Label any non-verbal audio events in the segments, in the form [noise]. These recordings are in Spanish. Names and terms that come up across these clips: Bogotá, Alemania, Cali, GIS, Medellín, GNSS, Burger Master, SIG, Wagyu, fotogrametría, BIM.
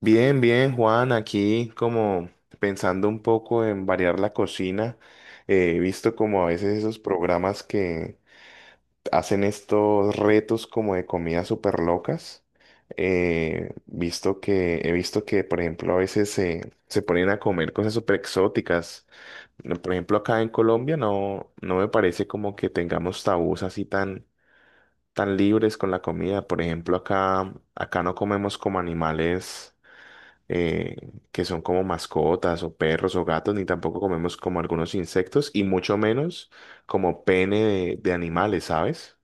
Bien, bien, Juan, aquí como pensando un poco en variar la cocina, he visto como a veces esos programas que hacen estos retos como de comidas súper locas. He visto que, por ejemplo, a veces se ponen a comer cosas súper exóticas. Por ejemplo, acá en Colombia no me parece como que tengamos tabús así tan libres con la comida. Por ejemplo, acá no comemos como animales eh, que son como mascotas o perros o gatos, ni tampoco comemos como algunos insectos y mucho menos como pene de animales, ¿sabes?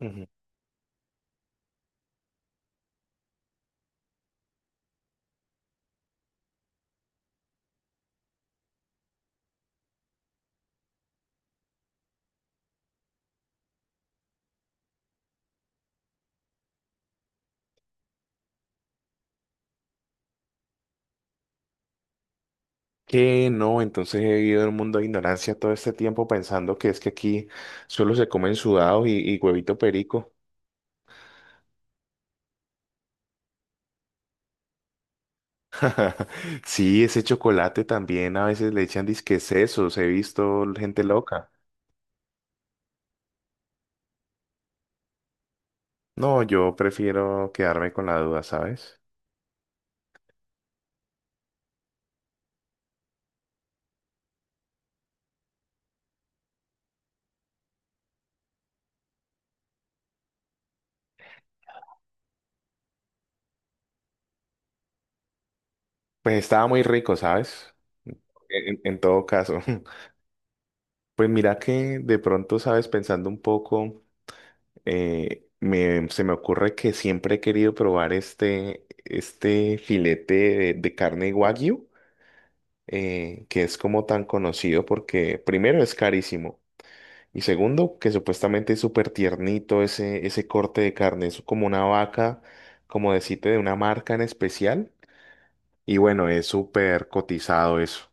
Ujú. Que no, entonces he vivido en un mundo de ignorancia todo este tiempo pensando que es que aquí solo se comen sudados y huevito perico. [laughs] Sí, ese chocolate también a veces le echan disque sesos, he visto gente loca. No, yo prefiero quedarme con la duda, ¿sabes? Pues estaba muy rico, ¿sabes? En todo caso. [laughs] Pues mira que de pronto, sabes, pensando un poco, se me ocurre que siempre he querido probar este filete de carne Wagyu, que es como tan conocido porque primero es carísimo y segundo que supuestamente es súper tiernito ese corte de carne, es como una vaca, como decirte, de una marca en especial y bueno, es súper cotizado eso.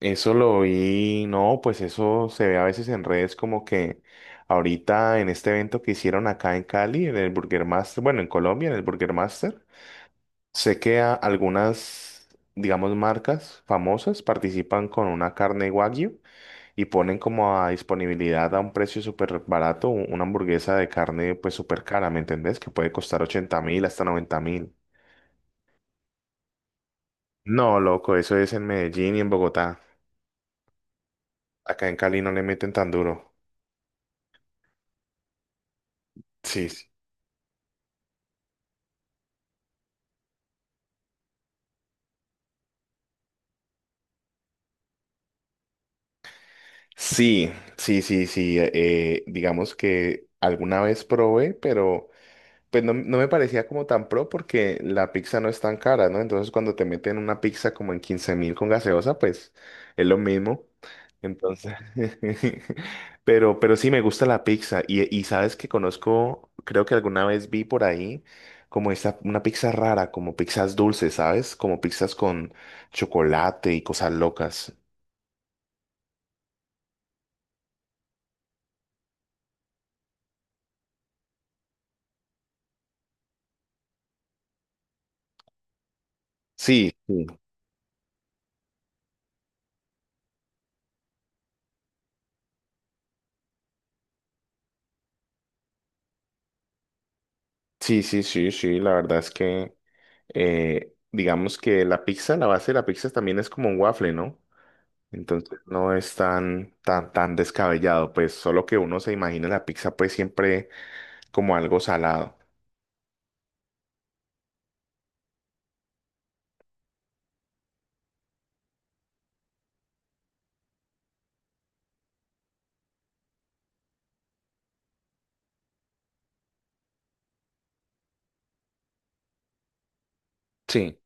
Eso lo vi, no, pues eso se ve a veces en redes como que ahorita en este evento que hicieron acá en Cali, en el Burger Master, bueno, en Colombia, en el Burger Master, sé que algunas, digamos, marcas famosas participan con una carne Wagyu y ponen como a disponibilidad a un precio súper barato una hamburguesa de carne pues súper cara, ¿me entendés? Que puede costar 80.000 hasta 90.000. No, loco, eso es en Medellín y en Bogotá. Acá en Cali no le meten tan duro. Sí. Sí. Sí, sí, sí, sí. Digamos que alguna vez probé, pero pues no me parecía como tan pro porque la pizza no es tan cara, ¿no? Entonces cuando te meten una pizza como en 15.000 con gaseosa, pues es lo mismo. Entonces, [laughs] pero sí me gusta la pizza. Y sabes que conozco, creo que alguna vez vi por ahí como esta, una pizza rara, como pizzas dulces, ¿sabes? Como pizzas con chocolate y cosas locas. Sí. Sí. Sí, sí, sí, sí, la verdad es que digamos que la pizza, la base de la pizza también es como un waffle, ¿no? Entonces no es tan descabellado, pues solo que uno se imagina la pizza pues siempre como algo salado. Sí,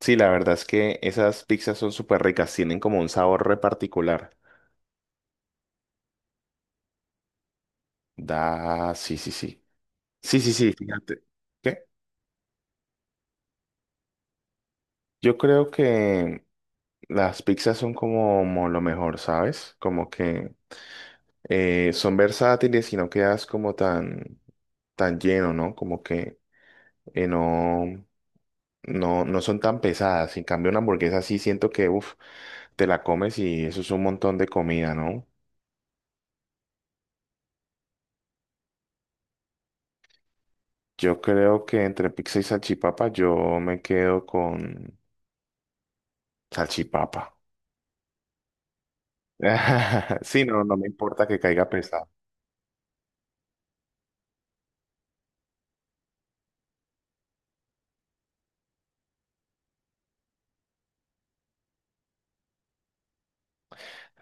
sí, la verdad es que esas pizzas son súper ricas, tienen como un sabor re particular. Da, sí, sí, sí. Sí, sí, sí, fíjate. ¿Qué? Yo creo que las pizzas son como lo mejor, ¿sabes? Como que, son versátiles y no quedas como tan lleno, ¿no? Como que no, no, no son tan pesadas. En cambio, una hamburguesa sí siento que, uff, te la comes y eso es un montón de comida, ¿no? Yo creo que entre pizza y salchipapa yo me quedo con salchipapa. [laughs] Sí, no, no me importa que caiga pesado.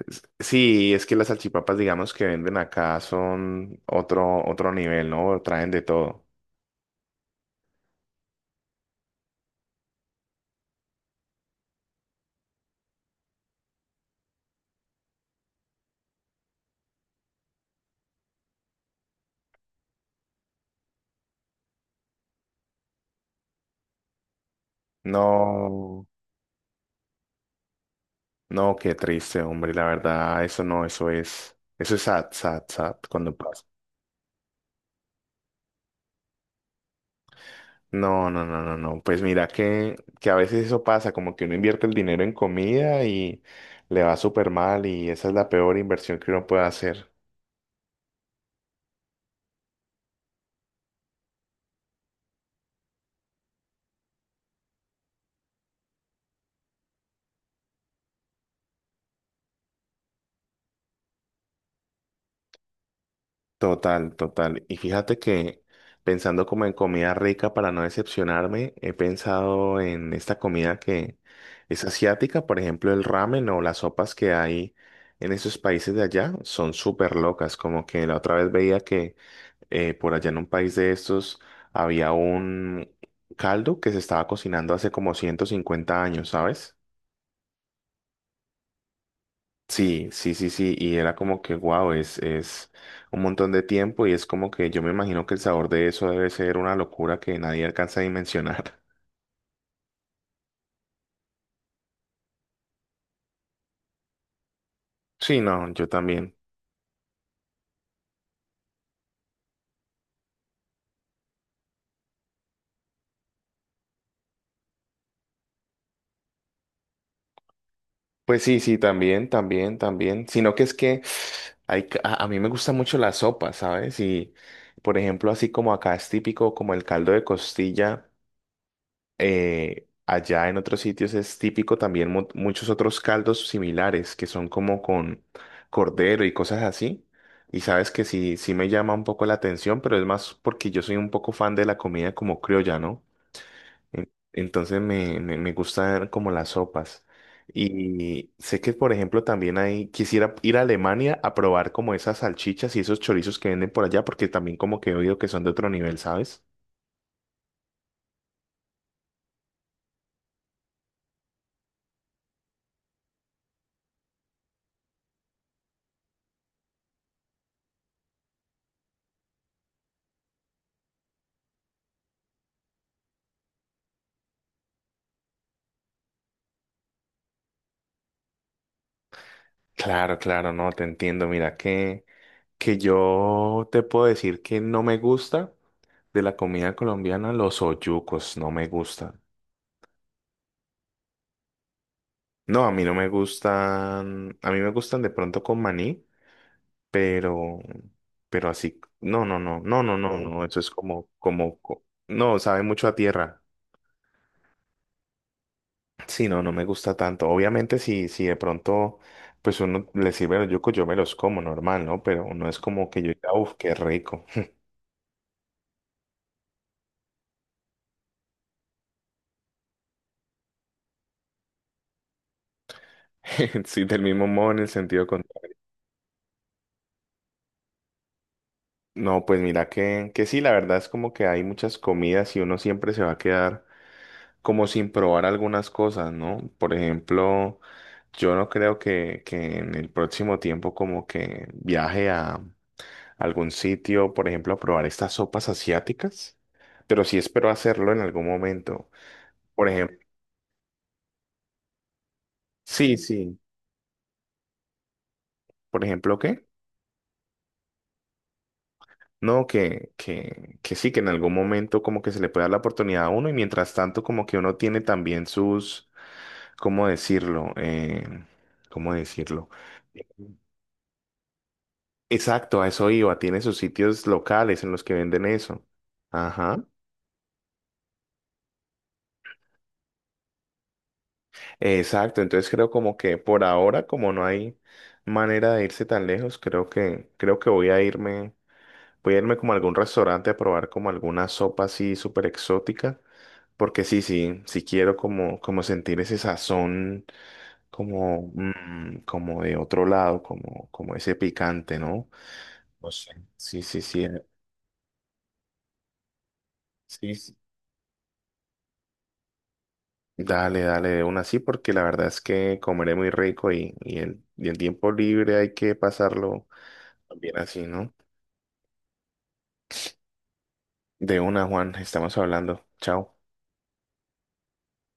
Sí, es que las salchipapas, digamos, que venden acá son otro nivel, ¿no? Traen de todo. No. No, qué triste, hombre, la verdad, eso no, eso es sad, sad, sad cuando pasa. No, no, no, no, no, pues mira que, a veces eso pasa, como que uno invierte el dinero en comida y le va súper mal y esa es la peor inversión que uno puede hacer. Total, total. Y fíjate que pensando como en comida rica para no decepcionarme, he pensado en esta comida que es asiática, por ejemplo, el ramen o las sopas que hay en esos países de allá son súper locas. Como que la otra vez veía que por allá en un país de estos había un caldo que se estaba cocinando hace como 150 años, ¿sabes? Sí, sí, sí, sí, y era como que, wow, es un montón de tiempo y es como que yo me imagino que el sabor de eso debe ser una locura que nadie alcanza a dimensionar. [laughs] Sí, no, yo también. Pues sí, sí, también, también, también, sino que es que hay, a mí me gusta mucho la sopa, ¿sabes? Y, por ejemplo, así como acá es típico como el caldo de costilla. Allá en otros sitios es típico también muchos otros caldos similares que son como con cordero y cosas así. Y sabes que sí, sí me llama un poco la atención, pero es más porque yo soy un poco fan de la comida como criolla, ¿no? Entonces me gustan como las sopas. Y sé que, por ejemplo, también hay, quisiera ir a Alemania a probar como esas salchichas y esos chorizos que venden por allá, porque también como que he oído que son de otro nivel, ¿sabes? Claro, claro, no, te entiendo. Mira que yo te puedo decir que no me gusta de la comida colombiana, los oyucos no me gustan. No, a mí no me gustan, a mí me gustan de pronto con maní, pero, pero así, no, no, no, no, no, no, no, eso es como no, sabe mucho a tierra. Sí, no, no me gusta tanto. Obviamente, si de pronto, pues uno le sirve los yucos, yo me los como normal, ¿no? Pero no es como que yo diga, uff, qué rico. [laughs] Sí, del mismo modo en el sentido contrario. No, pues mira que, sí, la verdad es como que hay muchas comidas y uno siempre se va a quedar como sin probar algunas cosas, ¿no? Por ejemplo, yo no creo que, en el próximo tiempo como que viaje a algún sitio, por ejemplo, a probar estas sopas asiáticas, pero sí espero hacerlo en algún momento. Por ejemplo, sí, sí. Por ejemplo, ¿qué? No, que sí, que en algún momento como que se le puede dar la oportunidad a uno y mientras tanto como que uno tiene también sus ¿Cómo decirlo? ¿Cómo decirlo? Exacto, a eso iba. Tiene sus sitios locales en los que venden eso. Ajá. Exacto. Entonces creo como que por ahora, como no hay manera de irse tan lejos, creo que voy a irme, como a algún restaurante a probar como alguna sopa así súper exótica. Porque sí, sí, sí quiero como sentir ese sazón como de otro lado, como ese picante, ¿no? No sé. Sí, sí, sí, sí, sí. Dale, dale, de una sí, porque la verdad es que comeré muy rico y el tiempo libre hay que pasarlo bien así, ¿no? De una, Juan, estamos hablando. Chao.